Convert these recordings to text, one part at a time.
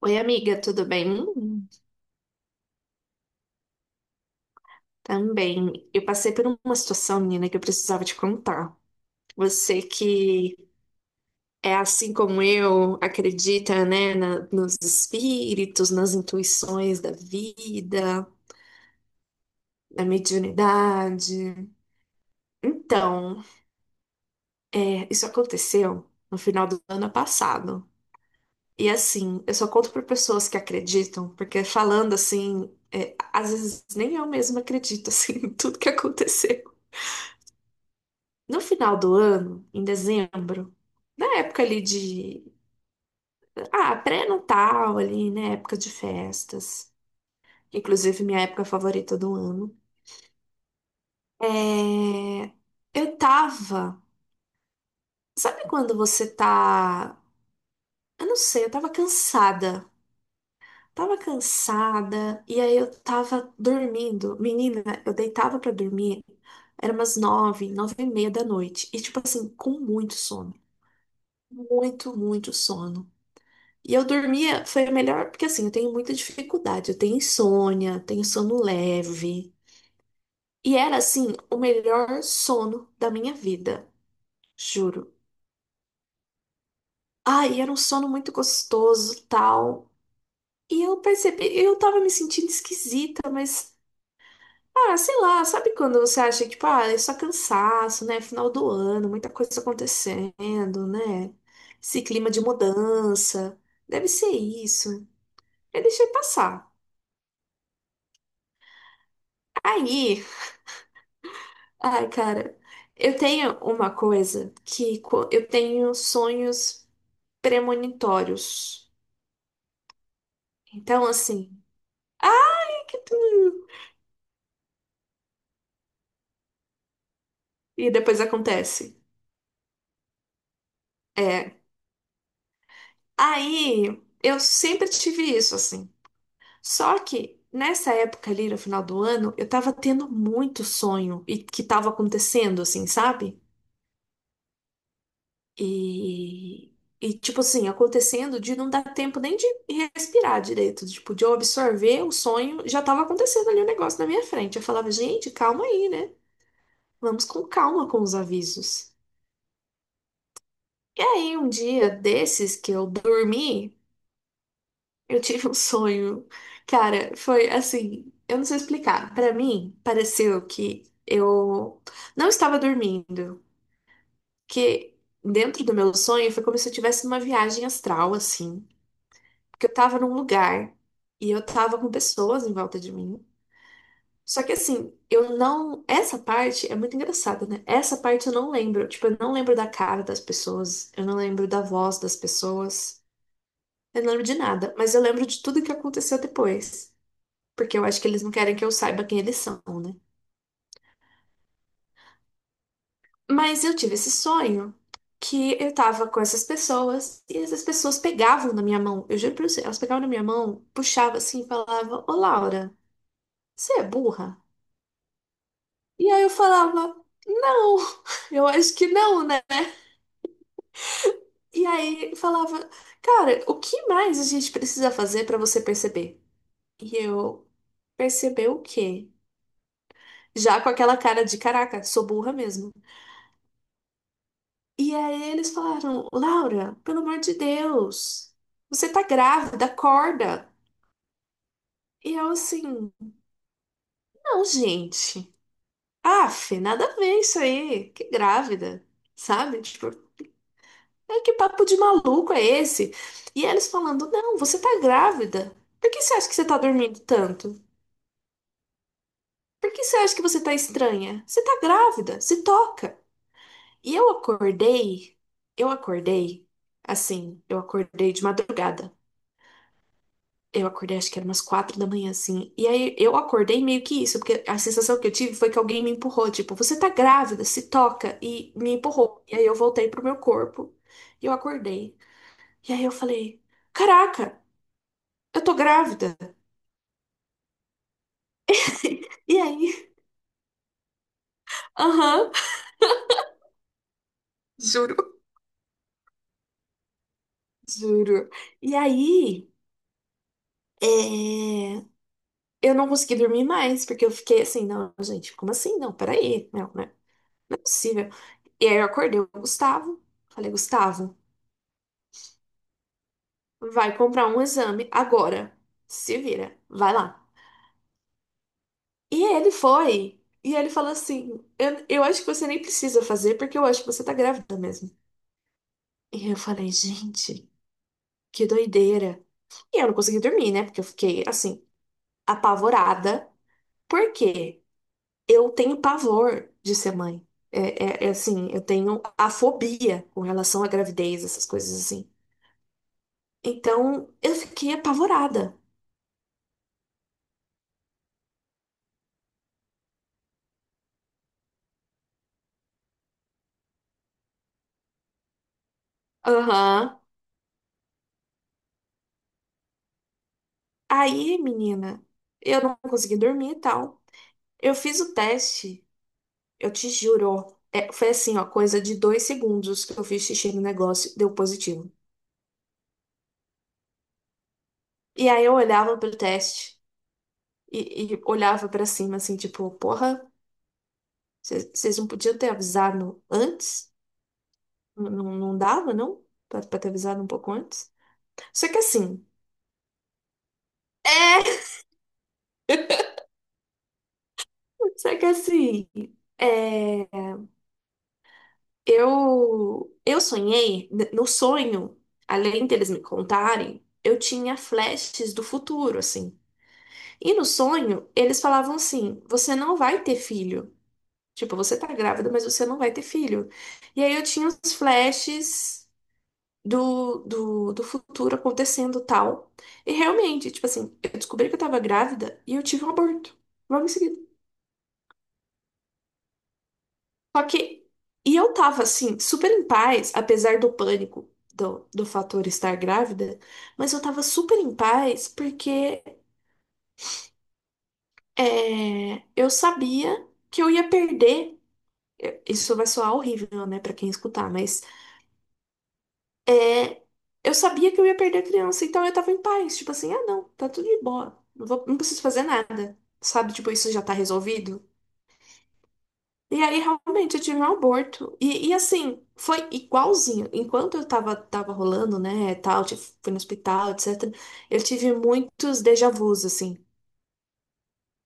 Oi, amiga, tudo bem? Também. Eu passei por uma situação, menina, que eu precisava te contar. Você que é assim como eu, acredita, né, nos espíritos, nas intuições da vida, na mediunidade. Então, isso aconteceu no final do ano passado. E assim, eu só conto para pessoas que acreditam, porque falando assim, às vezes nem eu mesma acredito assim, em tudo que aconteceu. No final do ano, em dezembro, na época ali de. Ah, pré-natal ali, né? Época de festas. Inclusive, minha época favorita do ano. É... Eu tava. Sabe quando você tá. Eu não sei, eu tava cansada. Tava cansada e aí eu tava dormindo. Menina, eu deitava pra dormir. Era umas 21h, 21h30 da noite. E, tipo assim, com muito sono. Muito, muito sono. E eu dormia, foi melhor, porque assim, eu tenho muita dificuldade, eu tenho insônia, tenho sono leve. E era assim, o melhor sono da minha vida, juro. Ai, era um sono muito gostoso, tal. E eu percebi, eu tava me sentindo esquisita, mas ah, sei lá, sabe quando você acha que, tipo, ah, é só cansaço, né? Final do ano, muita coisa acontecendo, né? Esse clima de mudança. Deve ser isso. Eu deixei passar. Aí, ai, cara, eu tenho uma coisa que eu tenho sonhos premonitórios. Então, assim, ai que tu... E depois acontece. É. Aí, eu sempre tive isso, assim. Só que nessa época ali, no final do ano, eu tava tendo muito sonho e que tava acontecendo, assim, sabe? E, e, tipo assim, acontecendo de não dar tempo nem de respirar direito, tipo, de eu absorver o sonho, já tava acontecendo ali o negócio na minha frente. Eu falava, gente, calma aí, né? Vamos com calma com os avisos. E aí, um dia desses que eu dormi, eu tive um sonho. Cara, foi assim, eu não sei explicar. Pra mim, pareceu que eu não estava dormindo, que dentro do meu sonho foi como se eu tivesse uma viagem astral, assim. Porque eu tava num lugar e eu tava com pessoas em volta de mim. Só que assim, eu não. Essa parte é muito engraçada, né? Essa parte eu não lembro. Tipo, eu não lembro da cara das pessoas, eu não lembro da voz das pessoas, eu não lembro de nada. Mas eu lembro de tudo que aconteceu depois. Porque eu acho que eles não querem que eu saiba quem eles são, né? Mas eu tive esse sonho que eu tava com essas pessoas e essas pessoas pegavam na minha mão. Eu juro pra você, elas pegavam na minha mão, puxavam assim e falavam: "Ô Laura, você é burra?" E aí eu falava, não, eu acho que não, né? E aí falava, cara, o que mais a gente precisa fazer pra você perceber? E eu, perceber o quê? Já com aquela cara de caraca, sou burra mesmo. E aí eles falaram, Laura, pelo amor de Deus, você tá grávida, acorda. E eu assim, não, gente. Aff, nada a ver isso aí. Que grávida, sabe? Tipo, aí que papo de maluco é esse? E eles falando, não, você tá grávida. Por que você acha que você tá dormindo tanto? Por que você acha que você tá estranha? Você tá grávida, se toca. E eu acordei, assim, eu acordei de madrugada. Eu acordei, acho que era umas 4h da manhã, assim. E aí eu acordei meio que isso, porque a sensação que eu tive foi que alguém me empurrou, tipo, você tá grávida, se toca, e me empurrou. E aí eu voltei pro meu corpo e eu acordei. E aí eu falei, caraca! Eu tô grávida. E aí? Aham, Juro. Juro. E aí, é, eu não consegui dormir mais, porque eu fiquei assim, não, gente, como assim? Não, peraí, não, né? Não é possível. E aí eu acordei o Gustavo. Falei, Gustavo, vai comprar um exame agora. Se vira, vai lá. E ele foi. E ele falou assim: eu acho que você nem precisa fazer, porque eu acho que você tá grávida mesmo. E eu falei, gente, que doideira. E eu não consegui dormir, né? Porque eu fiquei, assim, apavorada. Porque eu tenho pavor de ser mãe. É assim, eu tenho a fobia com relação à gravidez, essas coisas assim. Então, eu fiquei apavorada. Aham. Aí, menina, eu não consegui dormir e tal. Eu fiz o teste, eu te juro. Foi assim, ó, coisa de 2 segundos que eu fiz xixi no negócio, deu positivo. E aí eu olhava pro teste e olhava pra cima, assim, tipo, porra. Vocês não podiam ter avisado antes? Não, não dava, não? Pra ter avisado um pouco antes? Só que assim. É! Só que assim. É, eu sonhei, no sonho, além deles me contarem, eu tinha flashes do futuro, assim. E no sonho, eles falavam assim: você não vai ter filho. Tipo, você tá grávida, mas você não vai ter filho. E aí eu tinha uns flashes do futuro acontecendo tal. E realmente, tipo assim, eu descobri que eu tava grávida e eu tive um aborto logo em seguida. Só que, e eu tava assim, super em paz, apesar do pânico do fator estar grávida, mas eu tava super em paz porque eu sabia que eu ia perder. Isso vai soar horrível, né, pra quem escutar, mas é, eu sabia que eu ia perder a criança, então eu tava em paz. Tipo assim, ah, não, tá tudo de boa. Não vou, não preciso fazer nada. Sabe? Tipo, isso já tá resolvido. E aí, realmente, eu tive um aborto. E assim, foi igualzinho. Enquanto eu tava rolando, né, tal, tipo, fui no hospital, etc., eu tive muitos déjà vus, assim,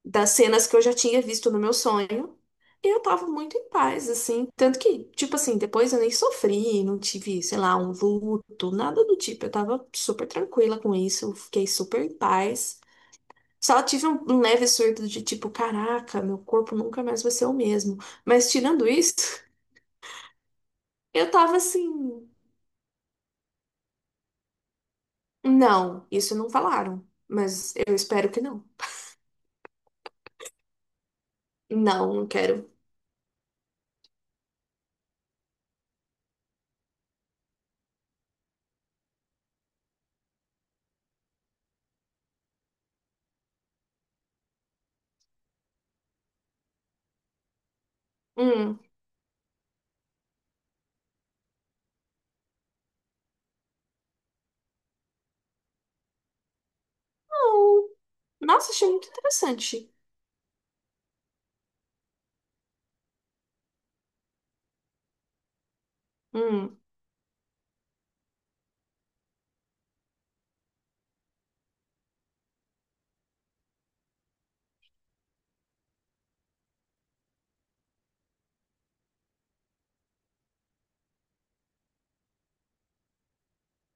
das cenas que eu já tinha visto no meu sonho. E eu tava muito em paz, assim. Tanto que, tipo assim, depois eu nem sofri, não tive, sei lá, um luto, nada do tipo. Eu tava super tranquila com isso, eu fiquei super em paz. Só tive um leve surto de tipo, caraca, meu corpo nunca mais vai ser o mesmo. Mas tirando isso, eu tava assim, não, isso não falaram, mas eu espero que não. Não, não quero. Hum, não. Nossa, achei muito interessante. Hum,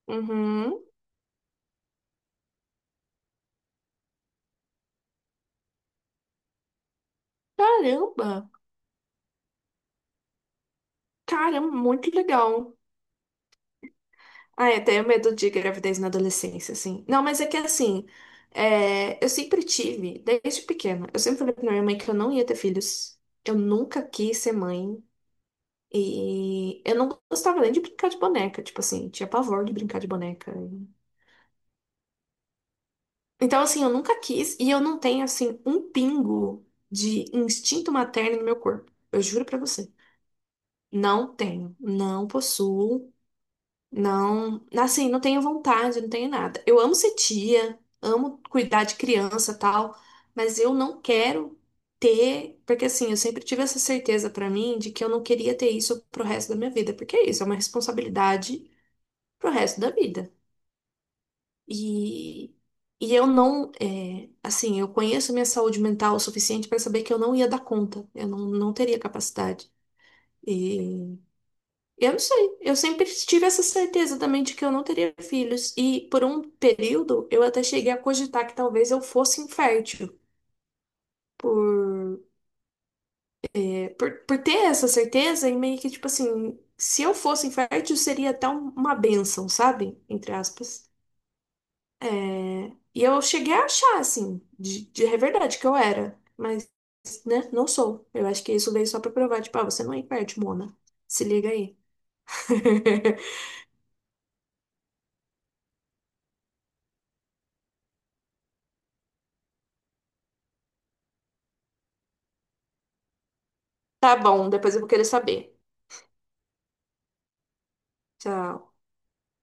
uhum. Caramba. Caramba, muito legal. Ah, eu tenho medo de gravidez na adolescência, assim. Não, mas é que assim, eu sempre tive, desde pequena, eu sempre falei pra minha mãe que eu não ia ter filhos. Eu nunca quis ser mãe. E eu não gostava nem de brincar de boneca, tipo assim, tinha pavor de brincar de boneca. Então, assim, eu nunca quis e eu não tenho, assim, um pingo de instinto materno no meu corpo. Eu juro pra você. Não tenho, não possuo. Não, assim, não tenho vontade, não tenho nada. Eu amo ser tia, amo cuidar de criança, tal, mas eu não quero ter, porque assim, eu sempre tive essa certeza pra mim de que eu não queria ter isso pro resto da minha vida, porque é isso, é uma responsabilidade pro resto da vida. E e eu não, assim, eu conheço minha saúde mental o suficiente pra saber que eu não ia dar conta, eu não teria capacidade. Eu não sei. Eu sempre tive essa certeza também de que eu não teria filhos. E por um período eu até cheguei a cogitar que talvez eu fosse infértil. Por, por ter essa certeza, e meio que tipo assim, se eu fosse infértil, seria até uma bênção, sabe? Entre aspas. É, E eu cheguei a achar, assim, de é verdade que eu era. Mas, né, não sou. Eu acho que isso veio só pra provar, tipo, ah, você não é infértil, Mona. Se liga aí. Tá bom, depois eu vou querer saber. Tchau.